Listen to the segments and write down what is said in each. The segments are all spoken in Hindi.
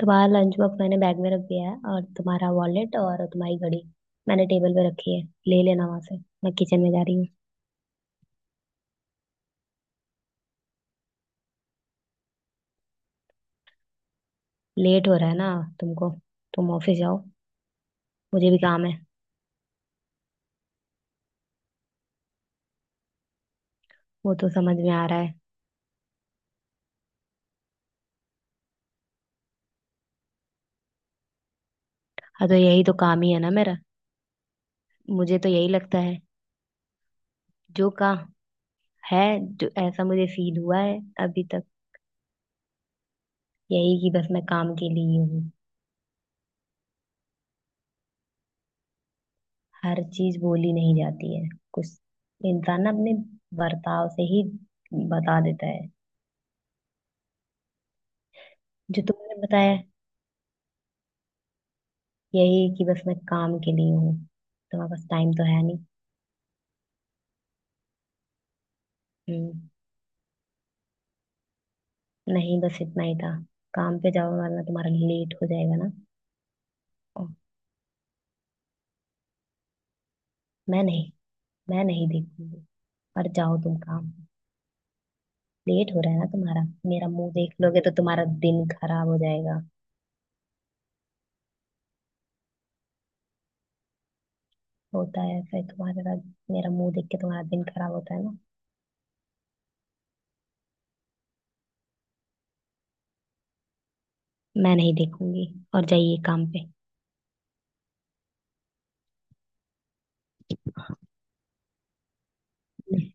तुम्हारा लंच बॉक्स मैंने बैग में रख दिया है, और तुम्हारा वॉलेट और तुम्हारी घड़ी मैंने टेबल पे रखी है। ले लेना वहां से। मैं किचन में जा रही हूँ। लेट हो रहा है ना तुमको। तुम ऑफिस जाओ, मुझे भी काम है। वो तो समझ में आ रहा है। हाँ, तो यही तो काम ही है ना मेरा। मुझे तो यही लगता है। जो का है जो ऐसा मुझे फील हुआ है अभी तक। यही कि बस मैं काम के लिए ही हूँ। हर चीज बोली नहीं जाती है। कुछ इंसान ना अपने बर्ताव से ही बता देता है। जो तुमने बताया, यही कि बस मैं काम के लिए हूँ। तुम्हारे पास टाइम तो है नहीं। हम्म। नहीं, बस इतना ही था। काम पे जाओ वरना तुम्हारा लेट हो जाएगा ना। ओ। मैं नहीं मैं नहीं देखूंगी। और जाओ तुम काम। लेट हो रहा है ना तुम्हारा। मेरा मुंह देख लोगे तो तुम्हारा दिन खराब हो जाएगा। होता है ऐसा ही तुम्हारा। मेरा मुंह देख के तुम्हारा दिन खराब होता है ना। मैं नहीं देखूंगी, और जाइए काम पे। नहीं,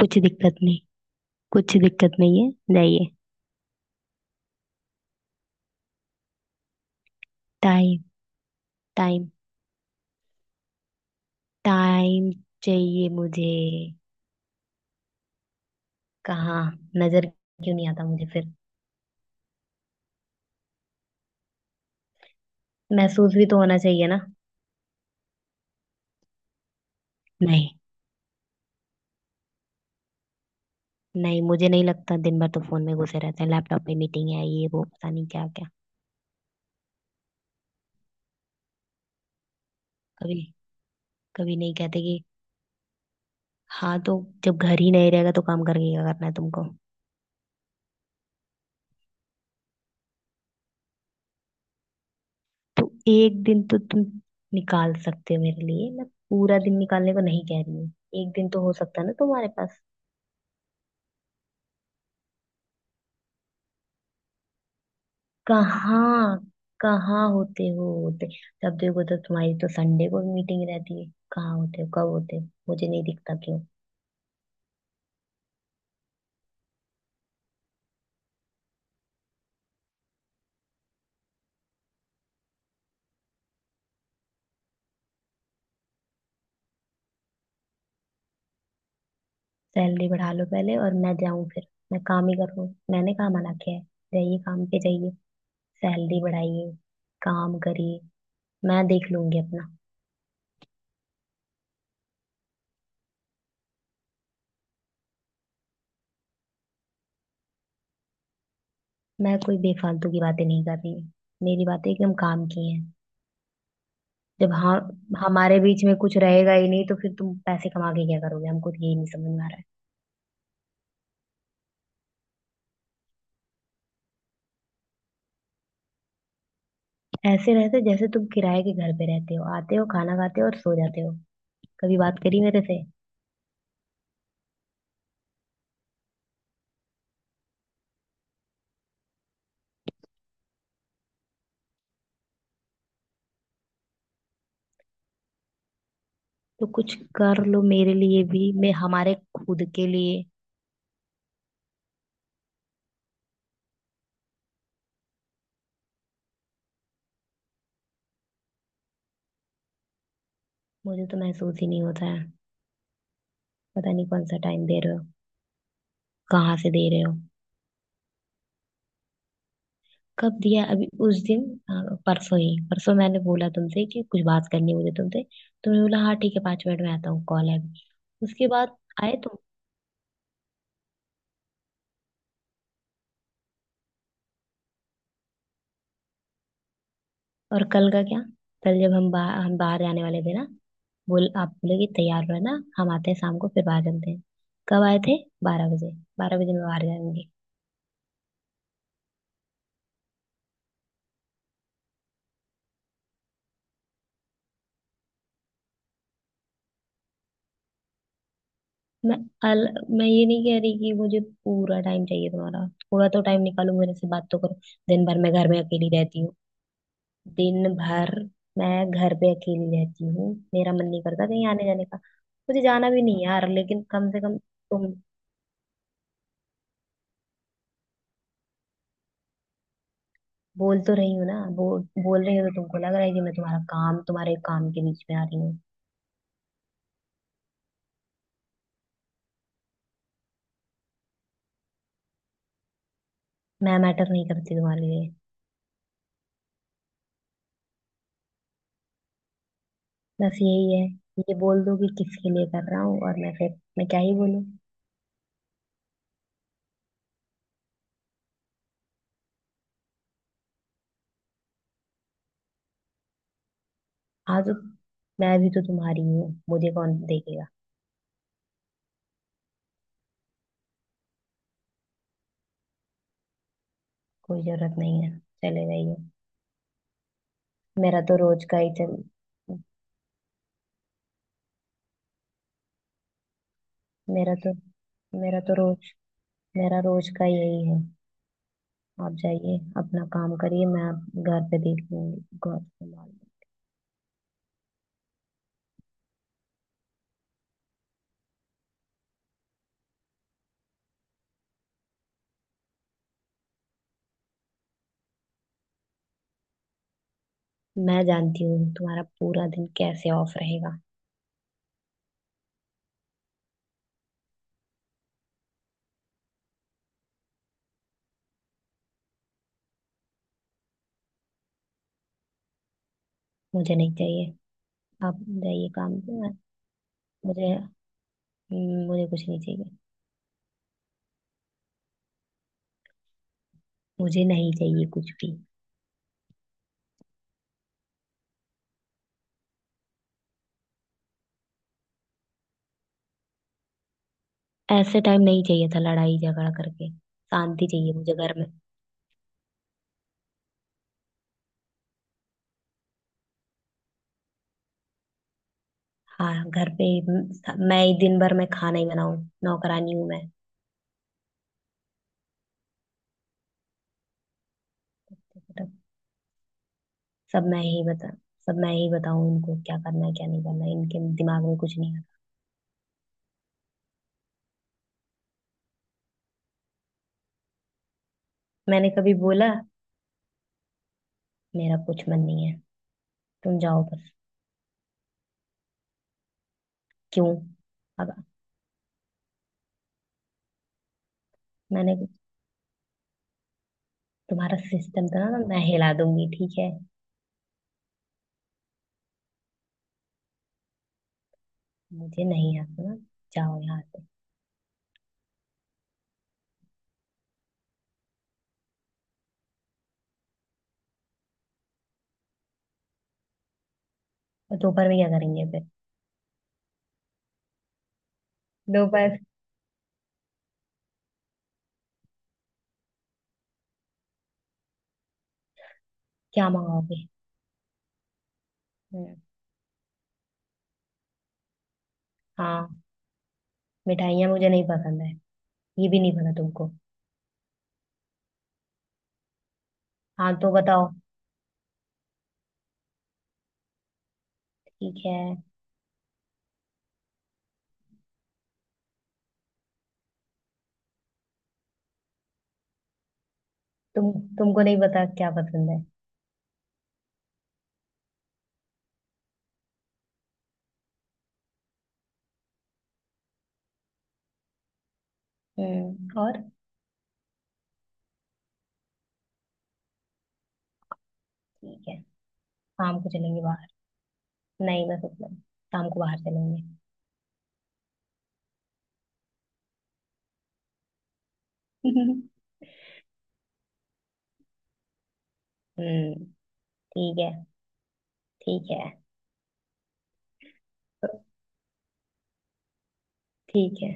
कुछ दिक्कत नहीं। कुछ दिक्कत नहीं है, जाइए। टाइम। टाइम। टाइम चाहिए मुझे। कहाँ? नजर क्यों नहीं आता मुझे फिर? महसूस भी तो होना चाहिए ना। नहीं, नहीं, मुझे नहीं लगता। दिन भर तो फोन में घुसे रहते हैं, लैपटॉप पे मीटिंग है, ये वो, पता नहीं क्या क्या। कभी कभी नहीं कहते कि। हाँ, तो जब घर ही नहीं रहेगा तो काम करके क्या करना है तुमको। तो एक दिन तो तुम निकाल सकते हो मेरे लिए। मैं पूरा दिन निकालने को नहीं कह रही हूँ। एक दिन तो हो सकता है ना तुम्हारे पास। कहाँ कहाँ होते हो होते तब देखो तो। तुम्हारी तो संडे को मीटिंग रहती है। कहाँ होते हो, कब होते हो, मुझे नहीं दिखता क्यों। सैलरी बढ़ा लो पहले और मैं जाऊं फिर। मैं काम ही करूँ, मैंने कहाँ मना किया है। जाइए काम पे जाइए। सैलरी बढ़ाइए। काम करिए। मैं देख लूंगी अपना। मैं कोई बेफालतू की बातें नहीं कर रही हूँ। मेरी बातें एकदम काम की हैं। जब हाँ। हमारे बीच में कुछ रहेगा ही नहीं तो फिर तुम पैसे कमा के क्या करोगे, हमको तो यही नहीं समझ में आ रहा है। ऐसे रहते जैसे तुम किराए के घर पे रहते हो। आते हो, खाना खाते हो और सो जाते हो। कभी बात करी मेरे से? तो कुछ कर लो मेरे लिए भी। मैं हमारे खुद के लिए। मुझे तो महसूस ही नहीं होता है। पता नहीं कौन सा टाइम दे रहे हो, कहाँ से दे रहे हो। कब दिया? अभी उस दिन। हाँ, परसों ही परसों मैंने बोला तुमसे कि कुछ बात करनी है मुझे तुमसे। तुमने बोला हाँ ठीक है, पाँच मिनट में आता हूँ, कॉल है अभी। उसके बाद आए तुम? और कल का क्या? कल जब हम बाहर जाने वाले थे ना। बोल, आप बोले कि तैयार रहना, हम आते हैं शाम को, फिर बाहर चलते हैं। कब आए थे? बारह बजे। बारह बजे में बाहर जाएंगे? मैं अल मैं ये नहीं कह रही कि मुझे पूरा टाइम चाहिए तुम्हारा। थोड़ा तो टाइम निकालो, मेरे से बात तो करो। दिन भर मैं घर में अकेली रहती हूँ। दिन भर मैं घर पे अकेली रहती हूँ। मेरा मन नहीं करता कहीं आने जाने का। मुझे जाना भी नहीं यार, लेकिन कम से कम तुम। बोल तो रही हो ना, बोल बोल रही हो तो तुमको लग रहा है कि मैं तुम्हारा काम तुम्हारे काम के बीच में आ रही हूँ। मैं मैटर नहीं करती तुम्हारे लिए। बस यही है। ये बोल दो कि किसके लिए कर रहा हूँ, और मैं क्या ही बोलूँ। हाँ, तो मैं भी तो तुम्हारी ही हूँ, मुझे कौन देखेगा। कोई जरूरत नहीं है, चले जाइए। मेरा तो रोज का ही चल मेरा तो मेरा तो रोज मेरा रोज का यही है। आप जाइए अपना काम करिए। मैं घर पे देख लूंगी, गौर संभाल लूंगी। मैं जानती हूँ तुम्हारा पूरा दिन कैसे ऑफ रहेगा। मुझे नहीं चाहिए। आप जाइए काम पे। मुझे मुझे कुछ नहीं चाहिए। मुझे नहीं चाहिए कुछ भी। ऐसे टाइम नहीं चाहिए था, लड़ाई झगड़ा करके। शांति चाहिए मुझे घर में। हाँ, घर पे। मैं ही दिन भर में खाना ही बनाऊं? नौकरानी हूं मैं। मतलब सब मैं ही बता सब मैं ही बताऊं इनको, क्या करना है क्या नहीं करना है, इनके दिमाग में कुछ नहीं आता। मैंने कभी बोला? मेरा कुछ मन नहीं है। तुम जाओ बस। क्यों? अब मैंने तुम्हारा सिस्टम था ना, मैं हिला दूंगी, ठीक है। मुझे नहीं आता ना। जाओ यहाँ से। और दोपहर में क्या करेंगे फिर? दोपहर। क्या मंगाओगे? हम्म। हाँ। मिठाइयाँ मुझे नहीं पसंद है। ये भी नहीं पता तुमको। हाँ, तो बताओ। ठीक है। तुम तुमको नहीं पता क्या पसंद है? हम्म, और? ठीक है, शाम को चलेंगे बाहर। नहीं बस उतना ही, शाम को बाहर चलेंगे। हम्म। ठीक है। ठीक है। ठीक है।